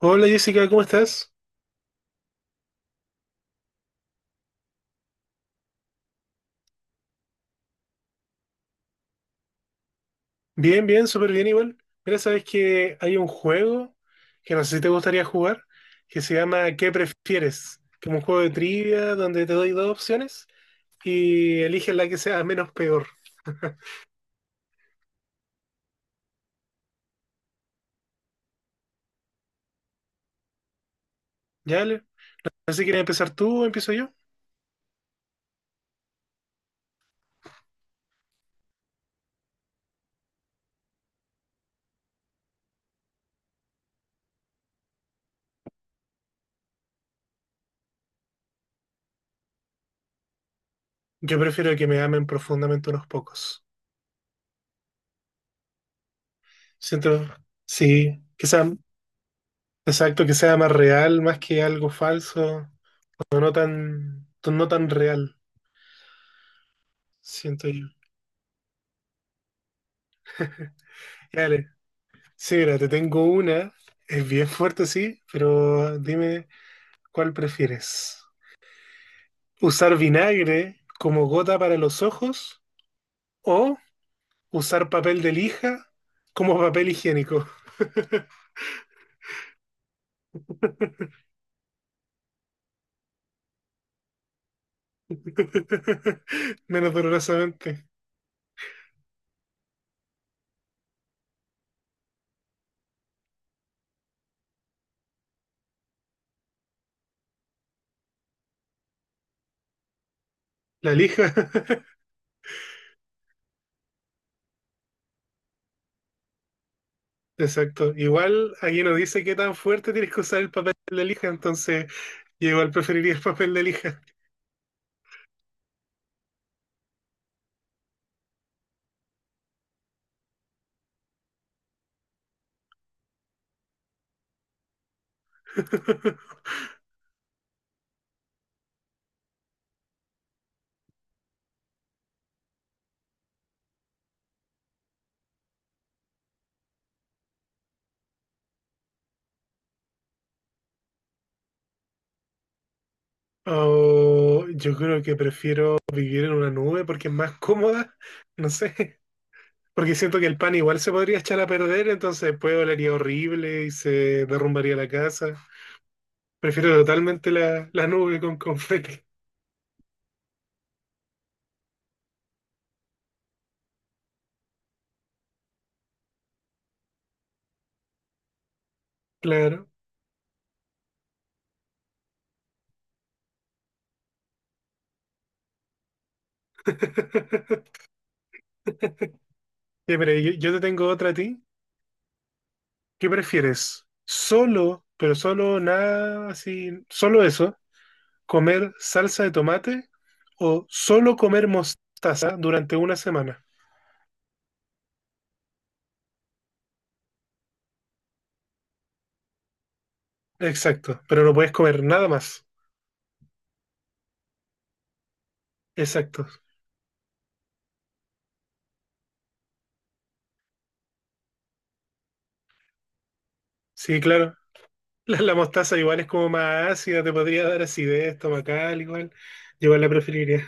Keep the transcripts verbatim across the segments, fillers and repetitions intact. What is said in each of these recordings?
Hola Jessica, ¿cómo estás? Bien, bien, súper bien igual. Mira, sabes que hay un juego que no sé si te gustaría jugar, que se llama ¿Qué prefieres? Que es un juego de trivia donde te doy dos opciones y eliges la que sea menos peor. ¿Ya? ¿Ale? No sé si quieres empezar tú o empiezo yo. Yo prefiero que me amen profundamente unos pocos. Siento, sí, que sea, exacto, que sea más real, más que algo falso, o no tan, no tan real, siento yo. Ya, sí, mira, te tengo una. Es bien fuerte, sí, pero dime cuál prefieres. ¿Usar vinagre como gota para los ojos o usar papel de lija como papel higiénico? Menos dolorosamente. La lija. Exacto. Igual aquí no dice qué tan fuerte tienes que usar el papel de lija, entonces yo igual preferiría el papel de lija. O yo creo que prefiero vivir en una nube porque es más cómoda. No sé. Porque siento que el pan igual se podría echar a perder, entonces después olería horrible y se derrumbaría la casa. Prefiero totalmente la, la nube con confeti. Claro. Ya, pero yo, yo te tengo otra a ti. ¿Qué prefieres? Solo, pero solo nada así, solo eso, comer salsa de tomate o solo comer mostaza durante una semana. Exacto, pero no puedes comer nada más. Exacto. Sí, claro. La, la mostaza igual es como más ácida, te podría dar acidez estomacal igual. Yo igual la preferiría.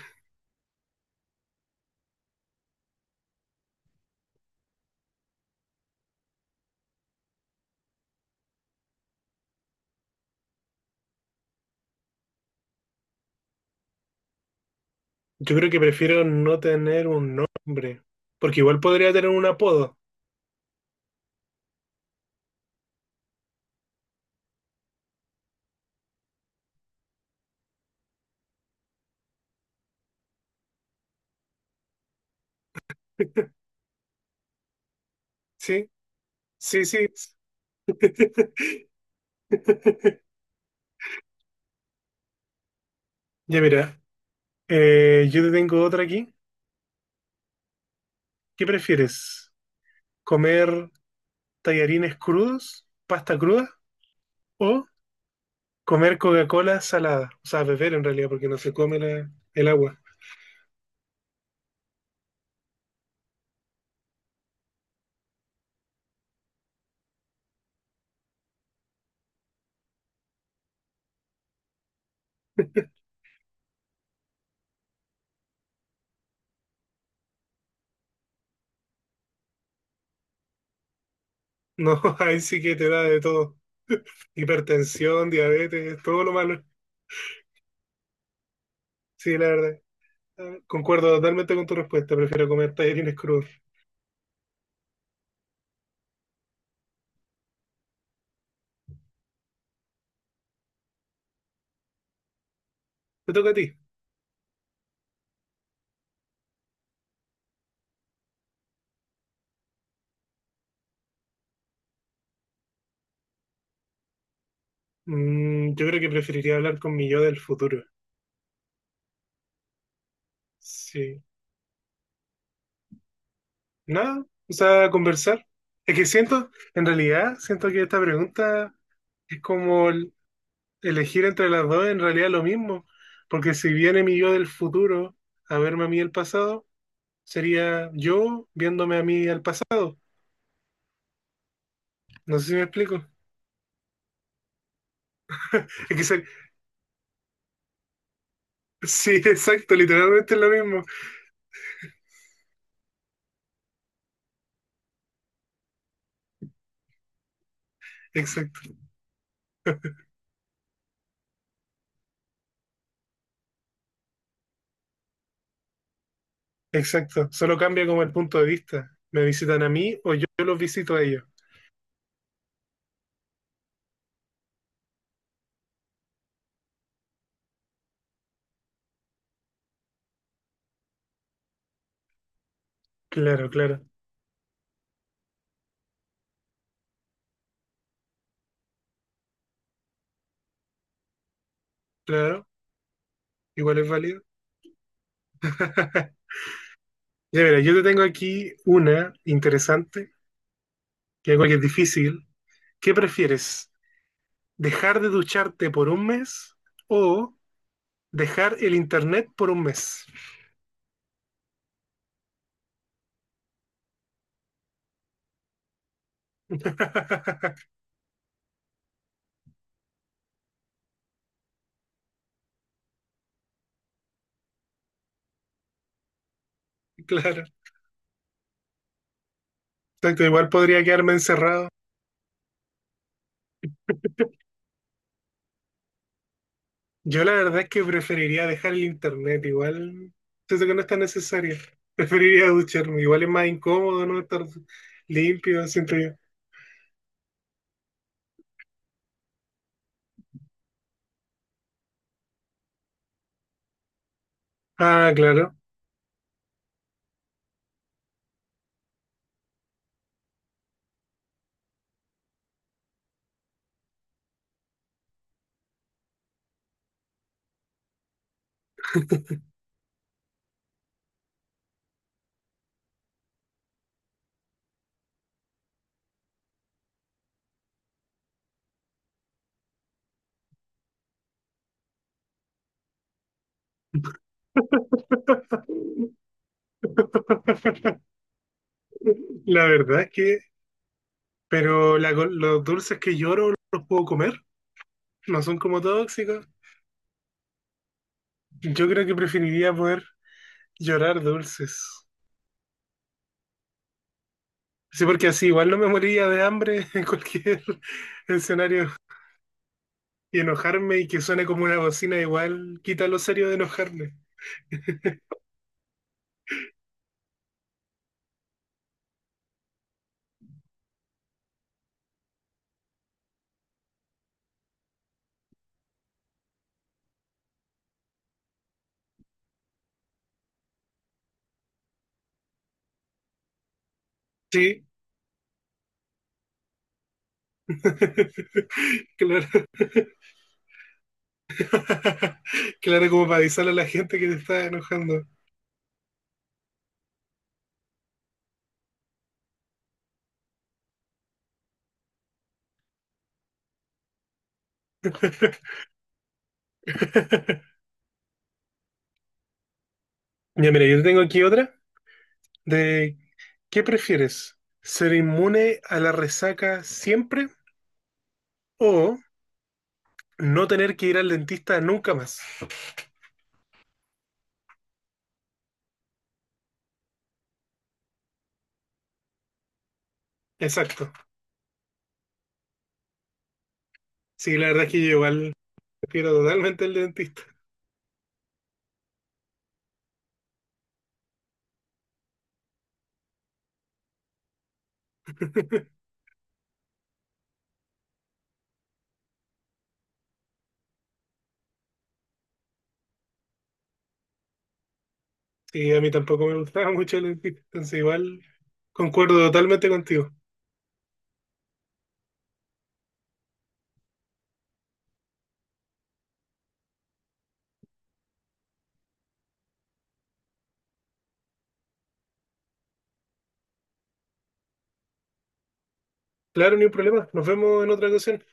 Yo creo que prefiero no tener un nombre, porque igual podría tener un apodo. Sí, sí, sí. Ya mira, eh, yo te tengo otra aquí. ¿Qué prefieres? ¿Comer tallarines crudos, pasta cruda o comer Coca-Cola salada? O sea, beber en realidad, porque no se come la- el agua. No, ahí sí que te da de todo. Hipertensión, diabetes, todo lo malo. Sí, la verdad. Concuerdo totalmente con tu respuesta, prefiero comer tallarines crudos. Te toca a ti. Mm, yo creo que preferiría hablar con mi yo del futuro. Sí. Nada, o sea, conversar. Es que siento, en realidad, siento que esta pregunta es como el- elegir entre las dos, en realidad lo mismo. Porque si viene mi yo del futuro a verme a mí el pasado, sería yo viéndome a mí al pasado. No sé si me explico. Es que ser- sí, exacto, literalmente es lo mismo. Exacto. Exacto, solo cambia como el punto de vista. ¿Me visitan a mí o yo, yo los visito a ellos? Claro, claro, claro, igual es válido. Ya verás, yo te tengo aquí una interesante, que algo que es difícil. ¿Qué prefieres? ¿Dejar de ducharte por un mes o dejar el internet por un mes? Claro, exacto, igual podría quedarme encerrado. Yo la verdad es que preferiría dejar el internet, igual siento que no es tan necesario. Preferiría ducharme, igual es más incómodo no estar limpio, siento yo. Ah, claro. La verdad es que, pero la co- los dulces que lloro los puedo comer, no son como tóxicos. Yo creo que preferiría poder llorar dulces. Sí, porque así igual no me moriría de hambre en cualquier escenario. Y enojarme y que suene como una bocina igual quita lo serio de enojarme. Sí. Claro. Claro, como para avisarle a la gente que te está enojando. Ya, mira, yo tengo aquí otra de ¿qué prefieres? ¿Ser inmune a la resaca siempre o no tener que ir al dentista nunca más? Exacto. Sí, la verdad es que yo igual prefiero totalmente el dentista. Sí, a mí tampoco me gustaba mucho el dentista, entonces igual concuerdo totalmente contigo. Claro, ni un problema. Nos vemos en otra ocasión.